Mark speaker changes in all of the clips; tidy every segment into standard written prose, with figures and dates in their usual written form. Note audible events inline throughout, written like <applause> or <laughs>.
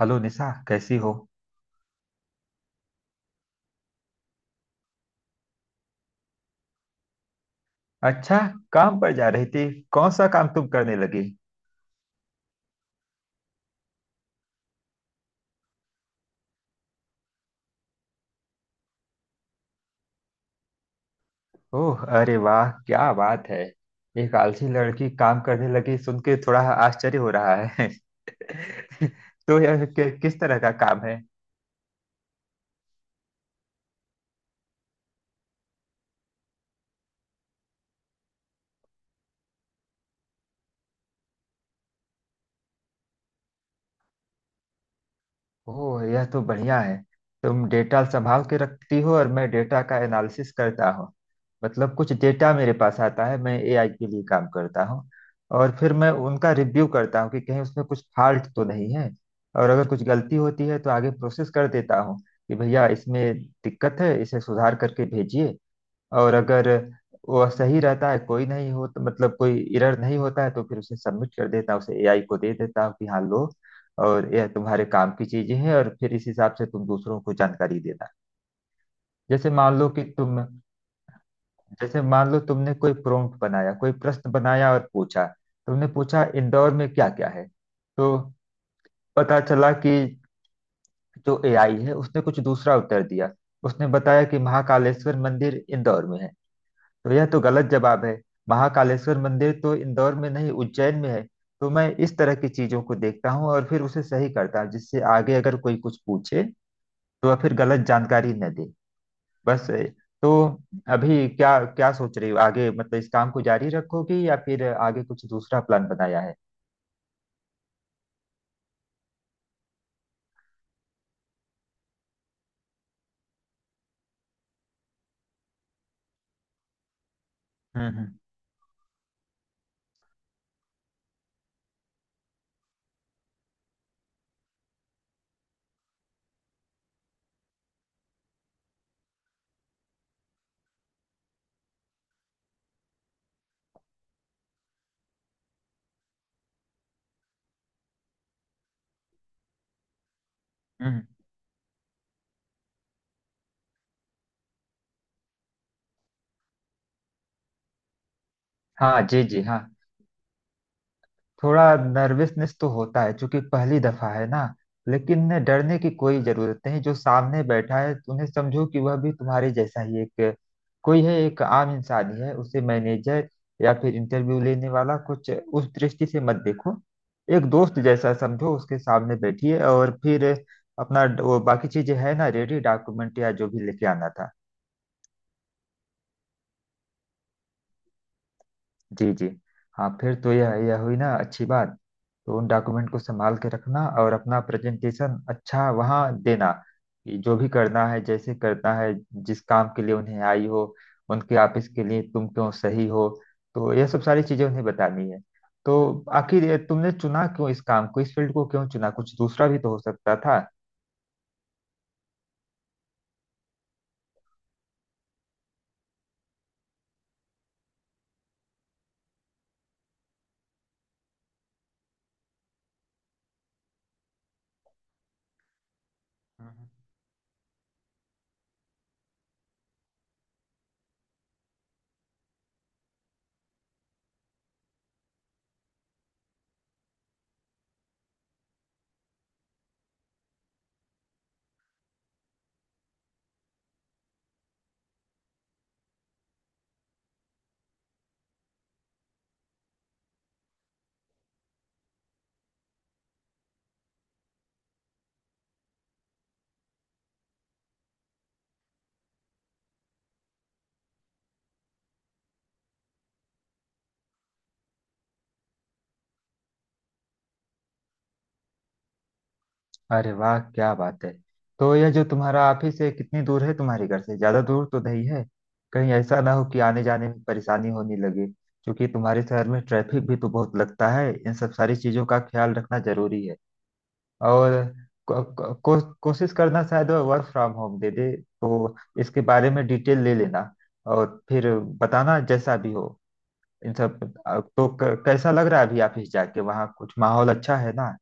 Speaker 1: Hello Nisha, कैसी हो। अच्छा, काम पर जा रही थी। कौन सा काम तुम करने लगी। ओह, अरे वाह, क्या बात है। एक आलसी लड़की काम करने लगी, सुन के थोड़ा आश्चर्य हो रहा है। <laughs> तो किस तरह का काम है। ओह, यह तो बढ़िया है। तुम डेटा संभाल के रखती हो और मैं डेटा का एनालिसिस करता हूँ। मतलब कुछ डेटा मेरे पास आता है, मैं एआई के लिए काम करता हूँ। और फिर मैं उनका रिव्यू करता हूँ कि कहीं उसमें कुछ फॉल्ट तो नहीं है। और अगर कुछ गलती होती है तो आगे प्रोसेस कर देता हूँ कि भैया इसमें दिक्कत है, इसे सुधार करके भेजिए। और अगर वह सही रहता है, कोई नहीं हो, तो मतलब कोई एरर नहीं होता है तो फिर उसे सबमिट कर देता हूँ, उसे एआई को दे देता हूँ कि हाँ लो। और यह तुम्हारे काम की चीजें हैं, और फिर इस हिसाब से तुम दूसरों को जानकारी देना। जैसे मान लो कि तुम, जैसे मान लो तुमने कोई प्रॉम्प्ट बनाया, कोई प्रश्न बनाया और पूछा। तुमने पूछा इंदौर में क्या क्या है। तो पता चला कि जो एआई है उसने कुछ दूसरा उत्तर दिया। उसने बताया कि महाकालेश्वर मंदिर इंदौर में है। तो यह तो गलत जवाब है। महाकालेश्वर मंदिर तो इंदौर में नहीं, उज्जैन में है। तो मैं इस तरह की चीजों को देखता हूँ और फिर उसे सही करता हूँ, जिससे आगे अगर कोई कुछ पूछे तो वह फिर गलत जानकारी न दे। बस ए, तो अभी क्या क्या सोच रही हो आगे, मतलब इस काम को जारी रखोगी या फिर आगे कुछ दूसरा प्लान बनाया है। हम्म, हम्म। हम्म। हाँ, जी जी हाँ। थोड़ा नर्वसनेस तो होता है क्योंकि पहली दफा है ना। लेकिन डरने की कोई जरूरत नहीं, जो सामने बैठा है उन्हें समझो कि वह भी तुम्हारे जैसा ही एक कोई है, एक आम इंसान ही है। उसे मैनेजर या फिर इंटरव्यू लेने वाला कुछ उस दृष्टि से मत देखो। एक दोस्त जैसा समझो, उसके सामने बैठिए और फिर अपना वो बाकी चीजें है ना, रेडी डॉक्यूमेंट या जो भी लेके आना था। जी जी। हाँ, फिर तो यह हुई ना अच्छी बात। तो उन डॉक्यूमेंट को संभाल के रखना और अपना प्रेजेंटेशन अच्छा वहाँ देना। कि जो भी करना है जैसे करना है, जिस काम के लिए उन्हें आई हो, उनके ऑफिस के लिए तुम क्यों सही हो, तो यह सब सारी चीजें उन्हें बतानी है। तो आखिर ये तुमने चुना क्यों, इस काम को इस फील्ड को क्यों चुना, कुछ दूसरा भी तो हो सकता था। अरे वाह, क्या बात है। तो यह जो तुम्हारा ऑफिस है कितनी दूर है, तुम्हारे घर से ज्यादा दूर तो नहीं है। कहीं ऐसा ना हो कि आने जाने में परेशानी होने लगे, क्योंकि तुम्हारे शहर में ट्रैफिक भी तो बहुत लगता है। इन सब सारी चीजों का ख्याल रखना जरूरी है। और कोशिश करना, शायद वर्क फ्रॉम होम दे दे तो इसके बारे में डिटेल ले लेना। और फिर बताना जैसा भी हो इन सब। तो कैसा लग रहा है अभी ऑफिस जाके, वहाँ कुछ माहौल अच्छा है ना।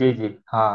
Speaker 1: जी जी हाँ।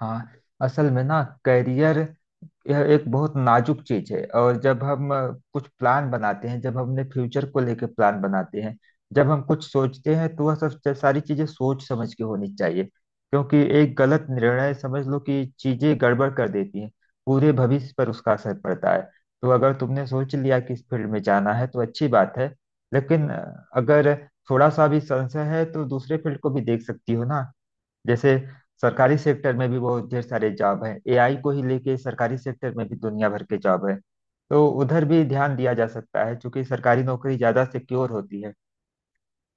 Speaker 1: हाँ, असल में ना करियर, यह एक बहुत नाजुक चीज है। और जब हम कुछ प्लान बनाते हैं, जब हमने फ्यूचर को लेकर प्लान बनाते हैं, जब हम कुछ सोचते हैं, तो वह सब सब सारी चीजें सोच समझ के होनी चाहिए, क्योंकि एक गलत निर्णय समझ लो कि चीजें गड़बड़ कर देती हैं। पूरे भविष्य पर उसका असर पड़ता है। तो अगर तुमने सोच लिया कि इस फील्ड में जाना है तो अच्छी बात है। लेकिन अगर थोड़ा सा भी संशय है तो दूसरे फील्ड को भी देख सकती हो ना। जैसे सरकारी सेक्टर में भी बहुत ढेर सारे जॉब हैं। एआई को ही लेके सरकारी सेक्टर में भी दुनिया भर के जॉब है। तो उधर भी ध्यान दिया जा सकता है, क्योंकि सरकारी नौकरी ज्यादा सिक्योर होती है।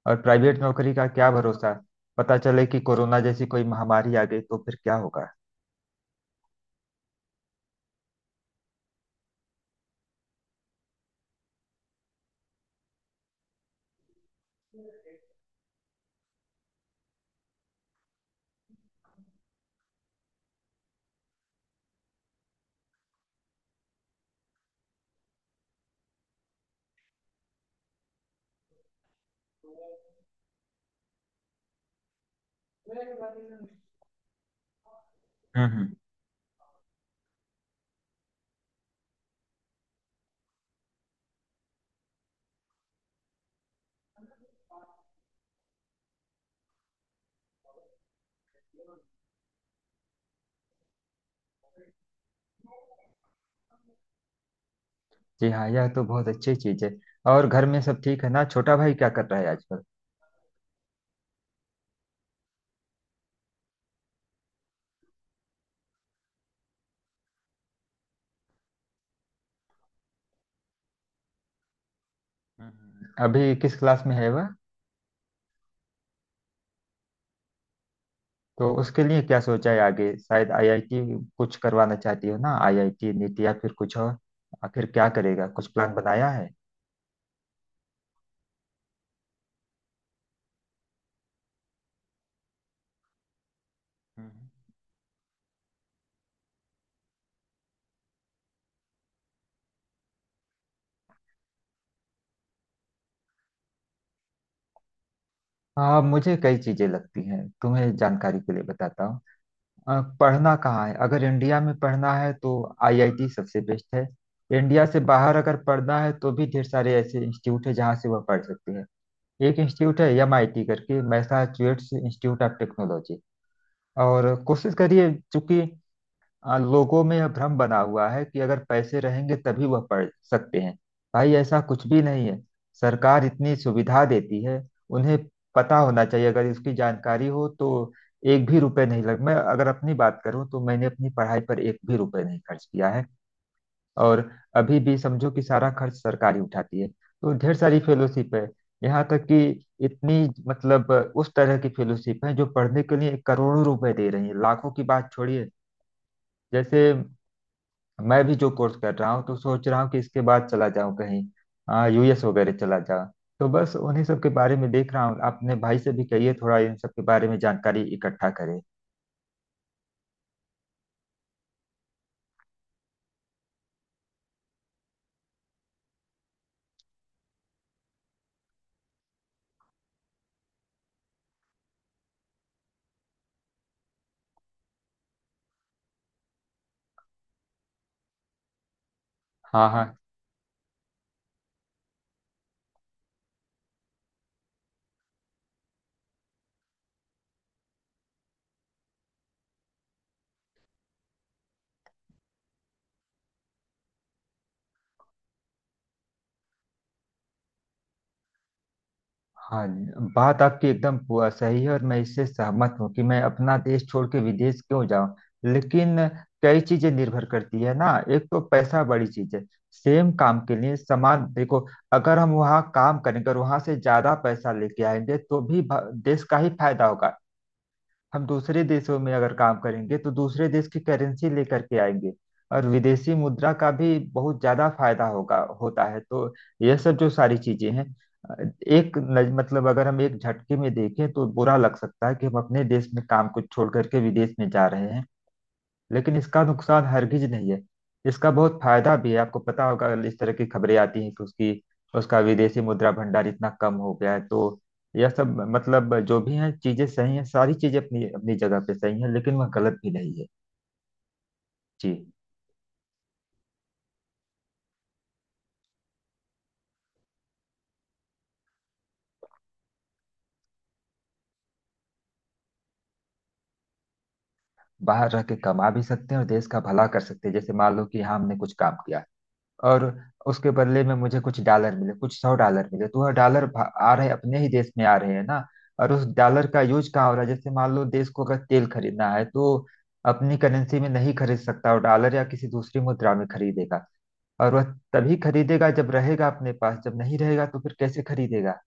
Speaker 1: और प्राइवेट नौकरी का क्या भरोसा। पता चले कि कोरोना जैसी कोई महामारी आ गई तो फिर क्या होगा। हम्म, जी हाँ, यह तो बहुत अच्छी चीज है। और घर में सब ठीक है ना, छोटा भाई क्या कर रहा है आजकल। हम्म। अभी किस क्लास में है वह। तो उसके लिए क्या सोचा है आगे, शायद आईआईटी कुछ करवाना चाहती हो ना, आईआईटी नीट या फिर कुछ और। आखिर क्या करेगा, कुछ प्लान बनाया है। हम्म। हाँ, मुझे कई चीजें लगती हैं, तुम्हें जानकारी के लिए बताता हूँ। पढ़ना कहाँ है, अगर इंडिया में पढ़ना है तो आईआईटी सबसे बेस्ट है। इंडिया से बाहर अगर पढ़ना है तो भी ढेर सारे ऐसे इंस्टीट्यूट है जहाँ से वह पढ़ सकते हैं। एक इंस्टीट्यूट है एमआईटी करके, मैसाचुसेट्स इंस्टीट्यूट ऑफ टेक्नोलॉजी। और कोशिश करिए, चूंकि लोगों में यह भ्रम बना हुआ है कि अगर पैसे रहेंगे तभी वह पढ़ सकते हैं। भाई ऐसा कुछ भी नहीं है। सरकार इतनी सुविधा देती है उन्हें, पता होना चाहिए अगर इसकी जानकारी हो तो। एक भी रुपए नहीं लग, मैं अगर अपनी बात करूं तो मैंने अपनी पढ़ाई पर एक भी रुपए नहीं खर्च किया है। और अभी भी समझो कि सारा खर्च सरकार ही उठाती है, तो ढेर सारी फेलोशिप है। यहाँ तक कि इतनी, मतलब उस तरह की फेलोशिप है जो पढ़ने के लिए करोड़ों रुपए दे रही है, लाखों की बात छोड़िए। जैसे मैं भी जो कोर्स कर रहा हूँ, तो सोच रहा हूँ कि इसके बाद चला जाऊँ कहीं। हाँ, यूएस वगैरह चला जाऊँ। तो बस उन्हीं सब के बारे में देख रहा हूँ। अपने भाई से भी कहिए थोड़ा इन सब के बारे में जानकारी इकट्ठा करे। हाँ हाँ। हाँ, बात आपकी एकदम सही है, और मैं इससे सहमत हूँ कि मैं अपना देश छोड़ के विदेश क्यों जाऊँ। लेकिन कई चीजें निर्भर करती है ना, एक तो पैसा बड़ी चीज है। सेम काम के लिए समान देखो, अगर हम वहाँ काम करेंगे और वहाँ से ज्यादा पैसा लेके आएंगे तो भी देश का ही फायदा होगा। हम दूसरे देशों में अगर काम करेंगे तो दूसरे देश की करेंसी लेकर के आएंगे, और विदेशी मुद्रा का भी बहुत ज्यादा फायदा होगा, होता है। तो यह सब जो सारी चीजें हैं, अ, मतलब अगर हम एक झटके में देखें तो बुरा लग सकता है कि हम अपने देश में काम को छोड़ करके विदेश में जा रहे हैं। लेकिन इसका नुकसान हरगिज नहीं है, इसका बहुत फायदा भी है। आपको पता होगा इस तरह की खबरें आती हैं कि उसकी उसका विदेशी मुद्रा भंडार इतना कम हो गया है। तो यह सब मतलब जो भी है, चीजें सही हैं, सारी चीजें अपनी अपनी जगह पे सही हैं, लेकिन वह गलत भी नहीं है। जी। बाहर रह के कमा भी सकते हैं और देश का भला कर सकते हैं। जैसे मान लो कि यहाँ हमने कुछ काम किया और उसके बदले में मुझे कुछ डॉलर मिले, कुछ सौ डॉलर मिले, तो वह डॉलर आ रहे अपने ही देश में आ रहे हैं ना। और उस डॉलर का यूज कहाँ हो रहा है, जैसे मान लो देश को अगर तेल खरीदना है तो अपनी करेंसी में नहीं खरीद सकता, वो डॉलर या किसी दूसरी मुद्रा में खरीदेगा। और वह तभी खरीदेगा जब रहेगा अपने पास, जब नहीं रहेगा तो फिर कैसे खरीदेगा।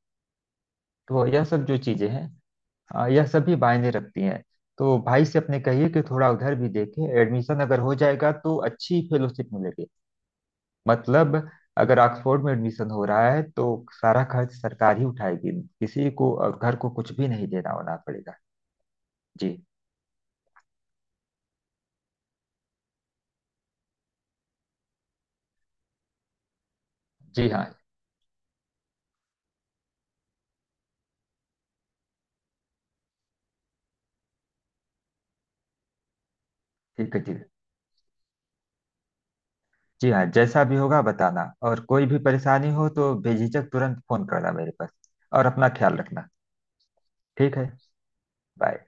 Speaker 1: तो यह सब जो चीजें हैं, यह सब भी मायने रखती हैं। तो भाई से अपने कहिए कि थोड़ा उधर भी देखे, एडमिशन अगर हो जाएगा तो अच्छी फेलोशिप मिलेगी। मतलब अगर ऑक्सफोर्ड में एडमिशन हो रहा है तो सारा खर्च सरकार ही उठाएगी, किसी को और घर को कुछ भी नहीं देना होना पड़ेगा। जी जी हाँ। ठीक है जी। जी हाँ, जैसा भी होगा बताना, और कोई भी परेशानी हो तो बेझिझक तुरंत फोन करना मेरे पास। और अपना ख्याल रखना। ठीक है। बाय।